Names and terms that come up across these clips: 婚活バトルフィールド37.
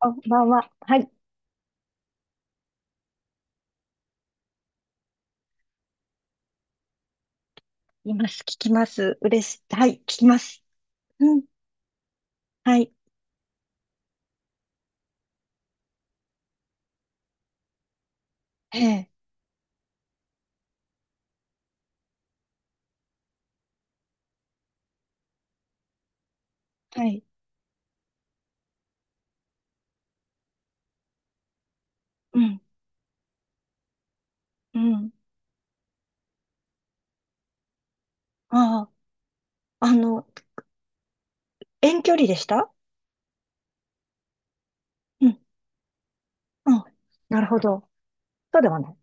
こんばんは。はい。います。聞きます。嬉しい。はい。聞きます。うん。はい。ええ。はい。うん。うん。ああ。遠距離でした？うん。うん、なるほど。そうではない。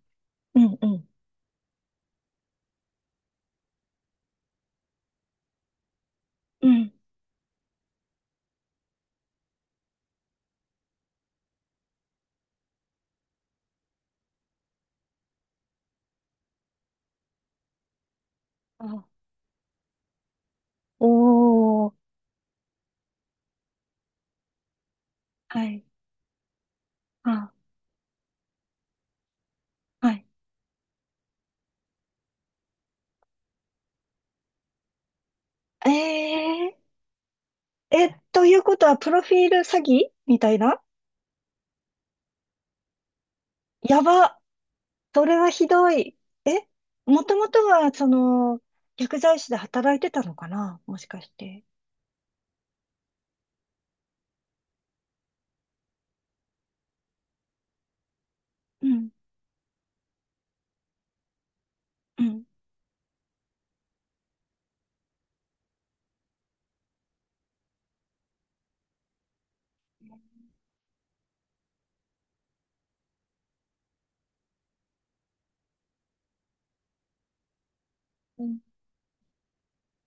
うん。うん。うん。あ、おー。はい。あ、はい。ええ。え、ということは、プロフィール詐欺みたいな？やば。それはひどい。え、もともとは、薬剤師で働いてたのかなもしかして。うんうん。うん。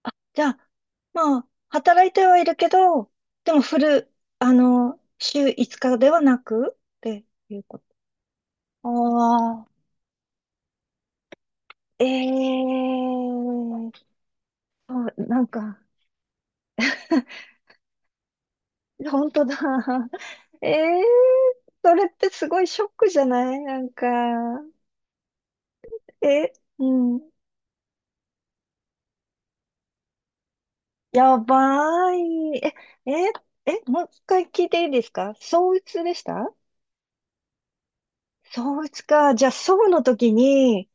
あ、じゃあ、まあ、働いてはいるけど、でもフル、あの、週5日ではなくっていうこと。ああ、ええ。そう、なんか、本当だ。ええ。それってすごいショックじゃない？え、うん、やばい。え、え、え、もう一回聞いていいですか？相うつでした？相打ちか。じゃあ、宋の時に、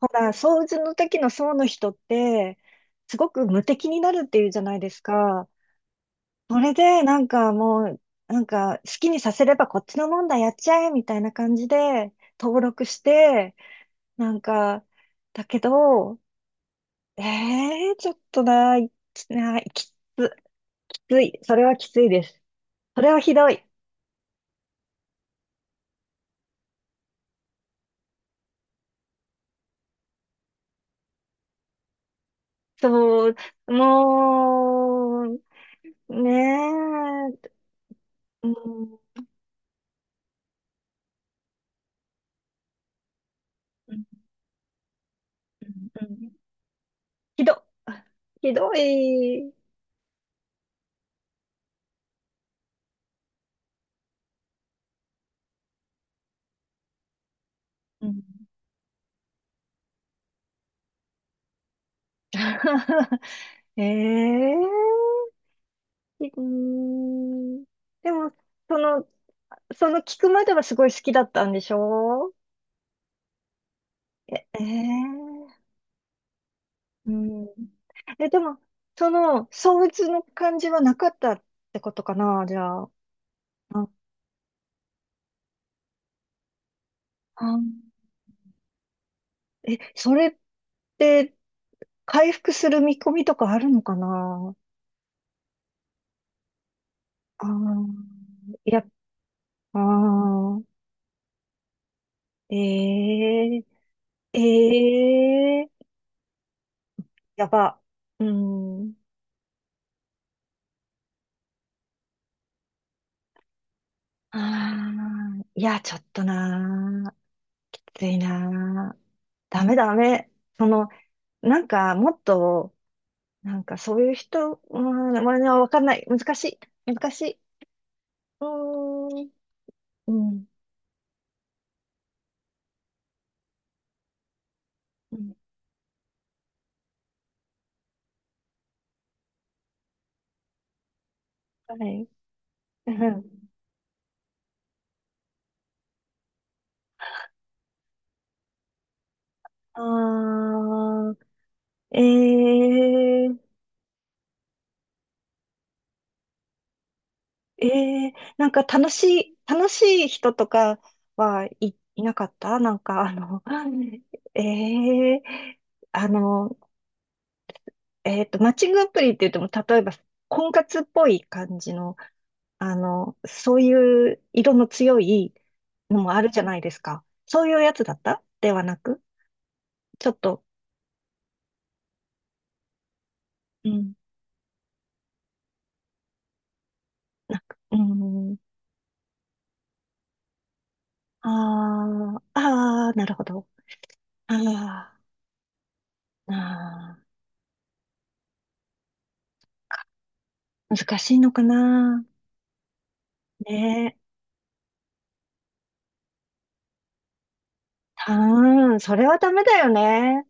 ほら、相打ちの時の宋の人って、すごく無敵になるっていうじゃないですか。それで、なんかもう、なんか好きにさせればこっちのもんだ、やっちゃえ、みたいな感じで、登録して、なんか、だけど、ええー、ちょっとな、いな、きつ、きつい。それはきついです。それはひどい。そう、もう、ねえ、うんうんうん。ひど、ひどい。うん。 ええ。う ーん。でも、その、その聞くまではすごい好きだったんでしょ？ええ。うん。え、でも、その相鬱の感じはなかったってことかな、じゃあ。あ、あ。え、それって、回復する見込みとかあるのかな？あー。いや、ああ、ええええ。やば。うん。ああ、いや、ちょっとなー、きついなー。ダメダメ。その、もっと、そういう人、うん、まあ、わかんない。難しい。難しい。うーん。うん。うん。はい。うん。ああ、ええええ。楽しい、楽しい人とか？はい、いなかった？ええあの、マッチングアプリって言っても、例えば、婚活っぽい感じの、そういう色の強いのもあるじゃないですか。そういうやつだったではなく、ちょっと、うん、うん、ああ、ああ、なるほど。ああ、ああ、難しいのかな。ねえ。うーん、それはダメだよね。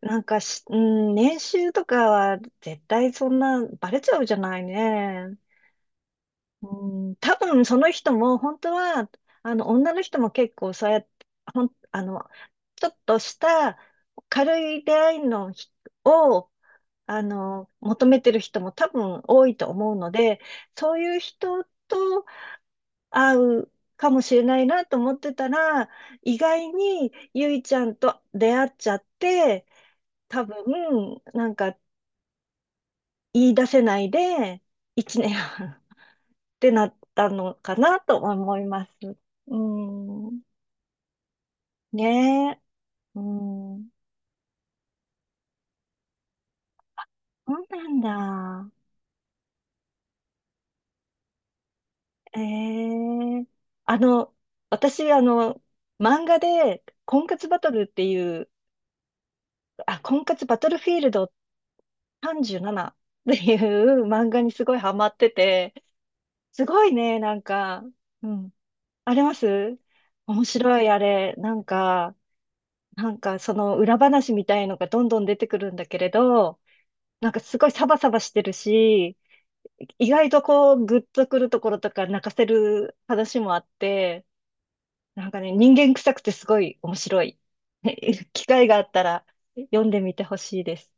なんかし、うん、年収とかは絶対そんなバレちゃうじゃないね。うん、多分その人も本当は、女の人も結構そうやって、ほん、あの、ちょっとした軽い出会いのひを、求めてる人も多分多いと思うので、そういう人と合うかもしれないなと思ってたら、意外にゆいちゃんと出会っちゃって、多分、言い出せないで、1年半ってなったのかなと思います。うん。ねえ。うん。そうなんだ。ええ。あの、私、漫画で、婚活バトルっていう、あ、婚活バトルフィールド37っていう漫画にすごいハマってて、すごいね、うん。あります。面白いあれ。その裏話みたいのがどんどん出てくるんだけれど、なんかすごいサバサバしてるし、意外とこうグッとくるところとか泣かせる話もあって、なんかね、人間臭くてすごい面白い。機会があったら読んでみてほしいです。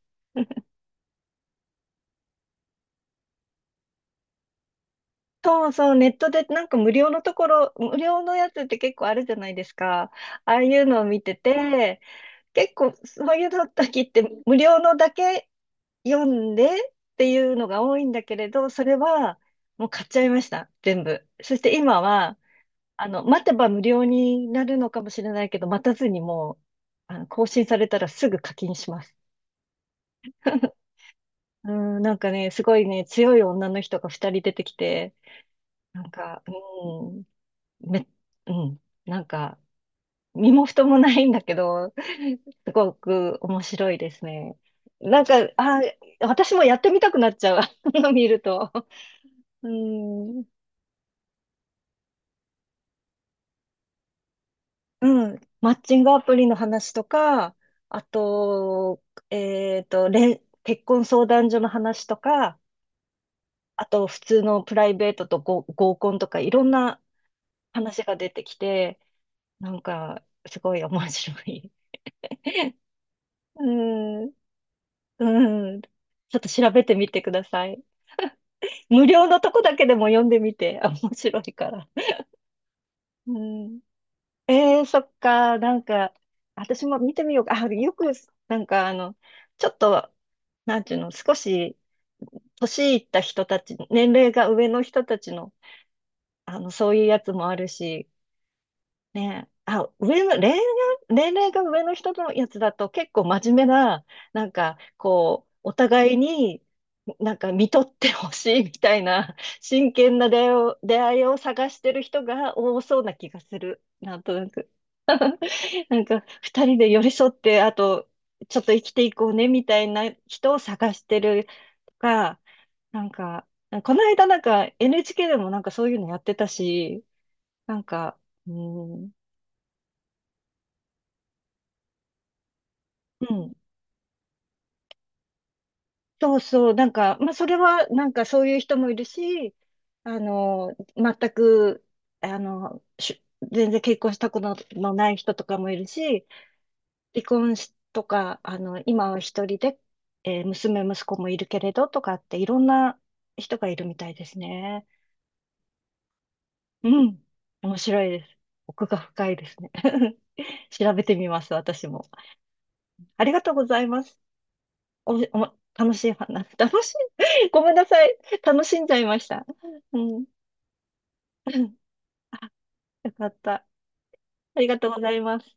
そうそう、ネットで無料のところ、無料のやつって結構あるじゃないですか。ああいうのを見てて、結構そういうの時って無料のだけ読んでっていうのが多いんだけれど、それはもう買っちゃいました、全部。そして今は、待てば無料になるのかもしれないけど、待たずにもう、更新されたらすぐ課金します。うん、なんかね、すごいね、強い女の人が二人出てきて、なんか、うん、め、うん、なんか、身も蓋もないんだけど、すごく面白いですね。なんか、あ、私もやってみたくなっちゃう、あの見ると。うん、うん、マッチングアプリの話とか、あと、結婚相談所の話とか、あと、普通のプライベートとご合コンとか、いろんな話が出てきて、なんか、すごい面白い。うんうん。ちょっと調べてみてください。無料のとこだけでも読んでみて。あ、面白いから。うん。えー、そっか。私も見てみようか。あ、よく、なんかあの、ちょっと、なんていうの、少し、年いった人たち、年齢が上の人たちの、そういうやつもあるし、ねえ、あ、上の、恋愛、年齢が上の人のやつだと結構真面目な、なんか、こう、お互いに、なんか見とってほしいみたいな、真剣な出会いを、出会いを探してる人が多そうな気がする。なんとなく。なんか、二人で寄り添って、あと、ちょっと生きていこうね、みたいな人を探してるとか、なんか、この間なんか NHK でもなんかそういうのやってたし、なんか、うん、うん。そうそう、まあ、それは、なんかそういう人もいるし、全く、あの、し全然結婚したことのない人とかもいるし、離婚しとか、今は一人で、えー娘、息子もいるけれどとかって、いろんな人がいるみたいですね。うん。面白いです。奥が深いですね。調べてみます、私も。ありがとうございます。お、お、楽しい話、楽しい、ごめんなさい。楽しんじゃいました。うん。あ、よかった。ありがとうございます。